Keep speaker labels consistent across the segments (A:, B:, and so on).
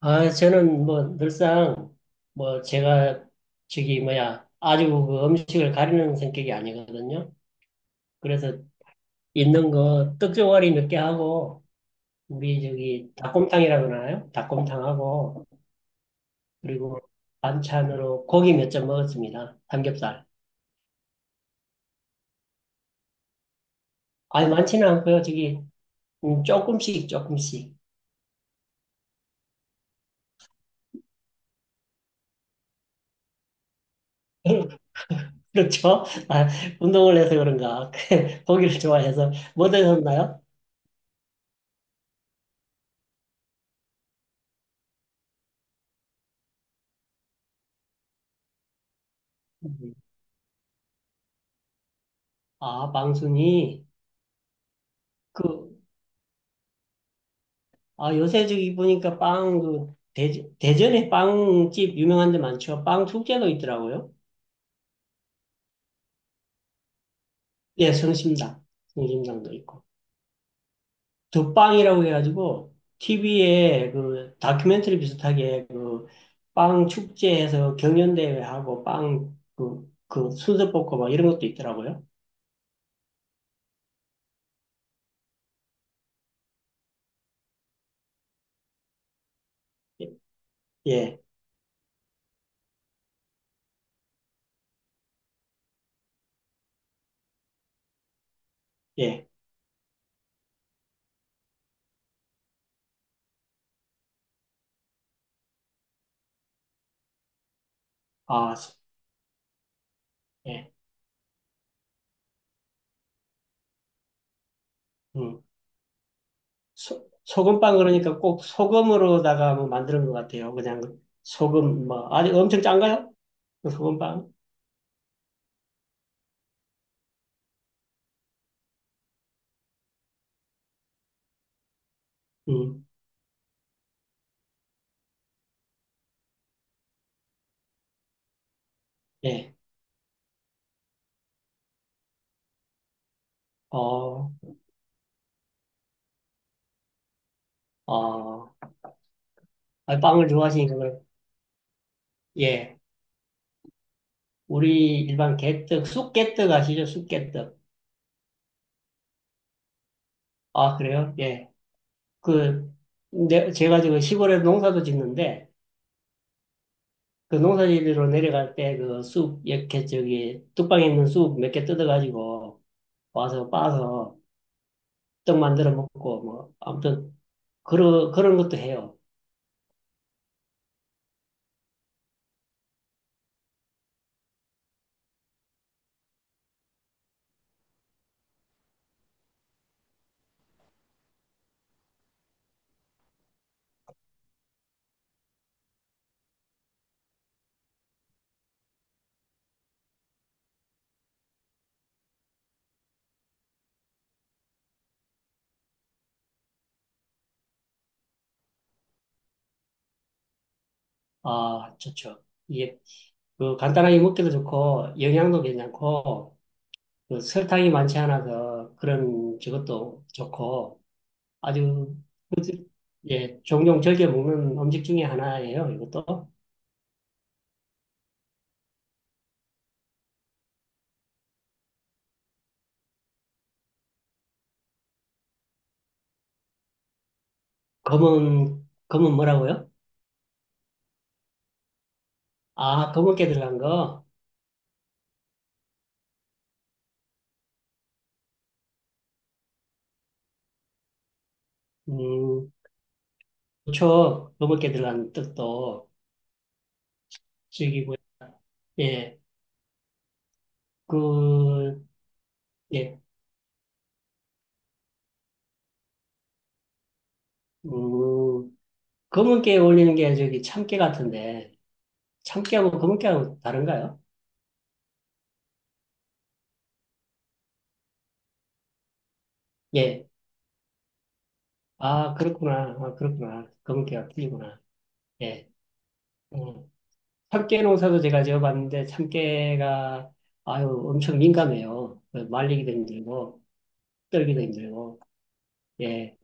A: 아, 저는 뭐 늘상 뭐 제가 저기 뭐야 아주 그 음식을 가리는 성격이 아니거든요. 그래서 있는 거 떡종아리 몇 개 하고 우리 저기 닭곰탕이라고 하나요? 닭곰탕하고 그리고 반찬으로 고기 몇 점 먹었습니다. 삼겹살. 아니 많지는 않고요. 저기 조금씩 조금씩. 그렇죠? 아, 운동을 해서 그런가 고기를 좋아해서 뭐 드셨나요? 아, 방순이 그 아, 요새 저기 보니까 빵, 그, 대전에 빵집 유명한 데 많죠. 빵 축제도 있더라고요. 예, 성심당. 성심당도 있고. 덕빵이라고 해가지고, TV에 그 다큐멘터리 비슷하게 그 빵 축제에서 경연대회하고 빵 그, 그 순서 뽑고 막 이런 것도 있더라고요. 예, 예, 예. 아, 소- 예. 음. 소금빵 그러니까 꼭 소금으로다가 뭐 만드는 것 같아요. 그냥 소금, 뭐, 아직 엄청 짠가요? 소금 빵? 음, 예. 어, 어, 아, 빵을 좋아하시니까, 그럼, 예. 우리 일반 개떡, 쑥개떡 아시죠? 쑥개떡. 아, 그래요? 예. 그, 제가 지금 시골에 농사도 짓는데, 그 농사지리로 내려갈 때 그 쑥, 이렇게 저기, 뚝방에 있는 쑥 몇 개 뜯어가지고 와서 빻아서 떡 만들어 먹고, 뭐, 아무튼, 그런, 그런 것도 해요. 아, 좋죠. 이게, 그, 간단하게 먹기도 좋고, 영양도 괜찮고, 그 설탕이 많지 않아서 그런 저것도 좋고 아주 예, 종종 즐겨 먹는 음식 중에 하나예요. 이것도 검은 뭐라고요? 아, 검은깨 들어간 거. 음, 그렇죠. 검은깨 들어간 뜻도 즐기고 예, 그 예, 음, 검은깨에 올리는 게 저기 참깨 같은데 참깨하고 검은깨하고 다른가요? 예, 아 그렇구나, 아 그렇구나, 검은깨가 틀리구나. 예. 음, 참깨 농사도 제가 지어봤는데 참깨가 아유 엄청 민감해요. 말리기도 힘들고 떨기도 힘들고 예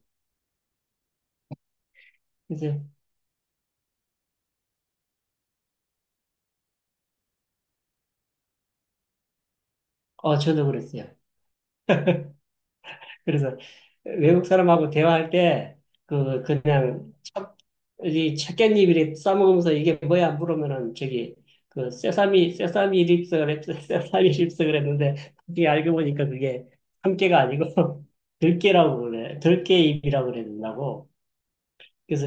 A: 그래서 어 저도 그랬어요. 그래서 외국 사람하고 대화할 때 그 그냥 참- 이 참깨잎이래 싸먹으면서 이게 뭐야 물으면은 저기 그 세사미 세사미 립스 그랬 세사미 립스 그랬는데 그게 알고 보니까 그게 참깨가 아니고 들깨라고 그래 들깨잎이라고 그랬다고. 그래서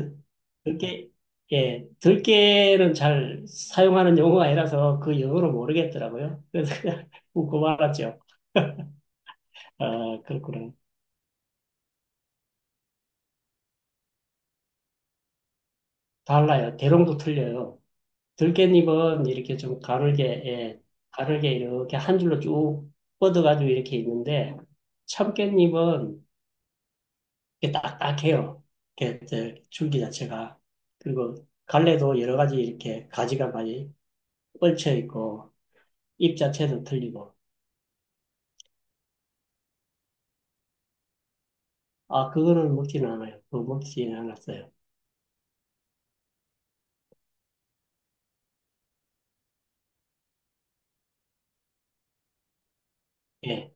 A: 들깨, 예, 들깨는 잘 사용하는 용어가 아니라서 그 영어를 모르겠더라고요. 그래서 그냥 웃고 말았죠. 아, 그렇구나. 달라요. 대롱도 틀려요. 들깨잎은 이렇게 좀 가늘게, 예, 가늘게 이렇게 한 줄로 쭉 뻗어가지고 이렇게 있는데, 참깨잎은 이렇게 딱딱해요. 이렇게 저 줄기 자체가. 그리고 갈래도 여러 가지 이렇게 가지가 많이 뻗쳐 있고, 잎 자체도 틀리고. 아, 그거는 먹지는 않아요. 그거 먹지는 않았어요. 예,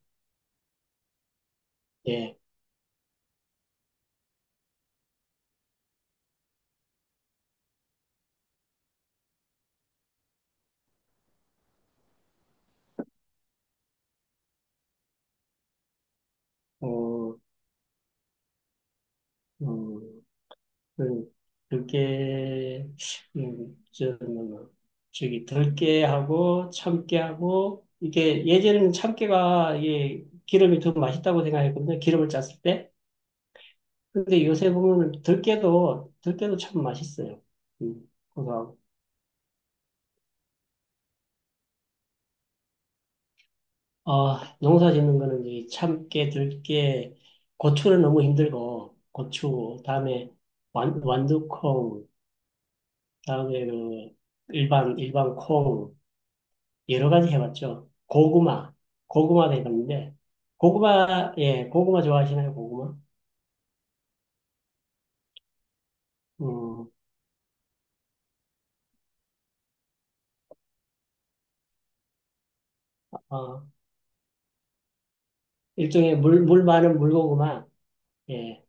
A: 예. 어, 어, 그, 그게, 저 뭐, 저기, 덜게 하고, 참게 하고, 이게, 예전에는 참깨가, 이게, 기름이 더 맛있다고 생각했거든요. 기름을 짰을 때. 근데 요새 보면 들깨도 참 맛있어요. 그거 어, 농사 짓는 거는 이 참깨, 들깨, 고추는 너무 힘들고, 고추, 다음에 완두콩, 다음에 그 일반 콩, 여러 가지 해봤죠. 고구마, 고구마도 해봤는데, 고구마, 예, 고구마 좋아하시나요, 고구마? 음, 어, 일종의 물 많은 물고구마, 예,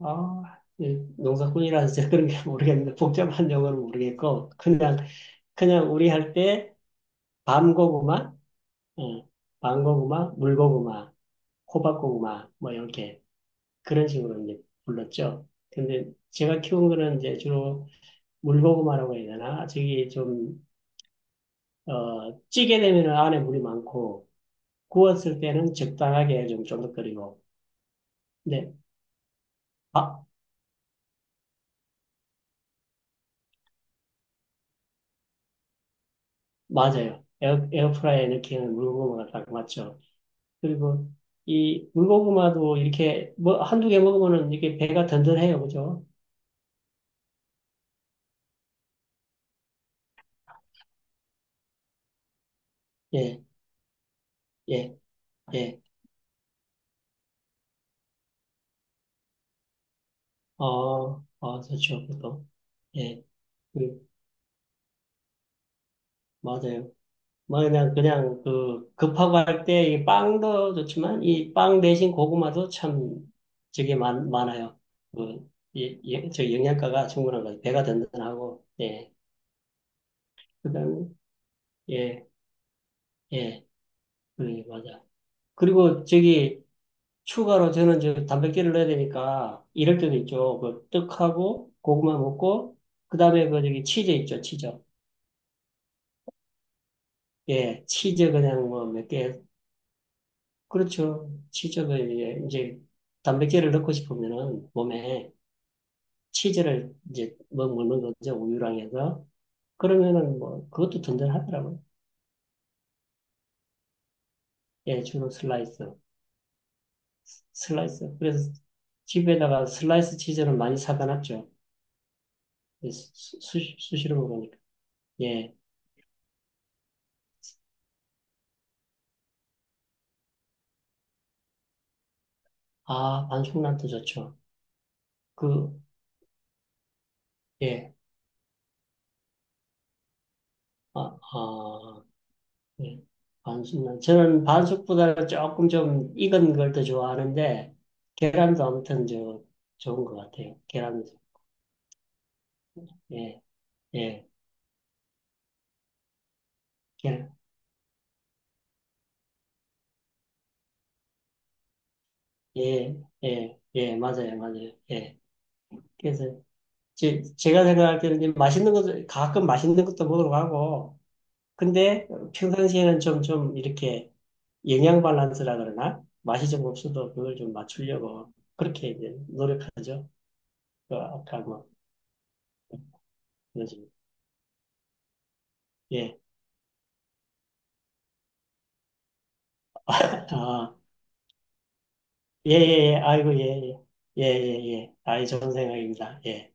A: 어, 이 농사꾼이라서 제가 그런 게 모르겠는데, 복잡한 용어는 모르겠고, 그냥, 그냥 우리 할 때, 밤고구마, 예, 망고구마, 물고구마, 호박고구마, 뭐 이렇게 그런 식으로 이제 불렀죠. 근데 제가 키운 거는 이제 주로 물고구마라고 해야 되나? 저기 좀, 어, 찌게 되면 안에 물이 많고, 구웠을 때는 적당하게 좀 쫀득거리고. 네, 아, 맞아요. 에어프라이에 넣기에는 물고구마가 딱 맞죠. 그리고 이 물고구마도 이렇게 뭐 한두 개 먹으면은 이게 배가 든든해요. 그죠? 예, 예, 예. 아, 아, 좋죠, 그것도. 예, 그, 맞아요. 뭐, 그냥, 그냥, 그, 급하고 할 때 이 빵도 좋지만, 이 빵 대신 고구마도 참, 저게 많, 많아요. 그, 예, 예, 저 영양가가 충분한 거예요. 배가 든든하고, 예. 그 다음에, 예, 예, 그, 맞아. 그리고 저기, 추가로 저는 저 단백질을 넣어야 되니까, 이럴 때도 있죠. 그, 떡하고, 고구마 먹고, 그 다음에 그 저기 치즈 있죠, 치즈. 예, 치즈 그냥 뭐 몇개 그렇죠. 치즈를 이제 단백질을 넣고 싶으면은 몸에 치즈를 이제 뭐 먹는 거죠. 우유랑 해서. 그러면은 뭐 그것도 든든하더라고요. 예, 주로 슬라이스. 슬라이스. 그래서 집에다가 슬라이스 치즈를 많이 사다 놨죠. 예, 수시로 먹으니까. 예. 아, 반숙란도 좋죠. 그, 예. 아, 아. 예. 반숙 저는 반숙보다 조금 좀 익은 걸 더 좋아하는데, 계란도 아무튼 저, 좋은 것 같아요. 계란도. 예, 예, 계란. 예, 예, 예, 맞아요, 맞아요. 예. 그래서 제가 생각할 때는 이제 맛있는 것도, 가끔 맛있는 것도 먹으러 가고, 근데 평상시에는 좀, 좀 이렇게 영양 밸런스라 그러나, 맛이 좀 없어도 그걸 좀 맞추려고 그렇게 이제 노력하죠. 그 아까 뭐, 그러지. 예. 아. 예, 예, 예. 아이고, 예, 예. 예, 예, 예. 아이, 좋은 생각입니다. 예.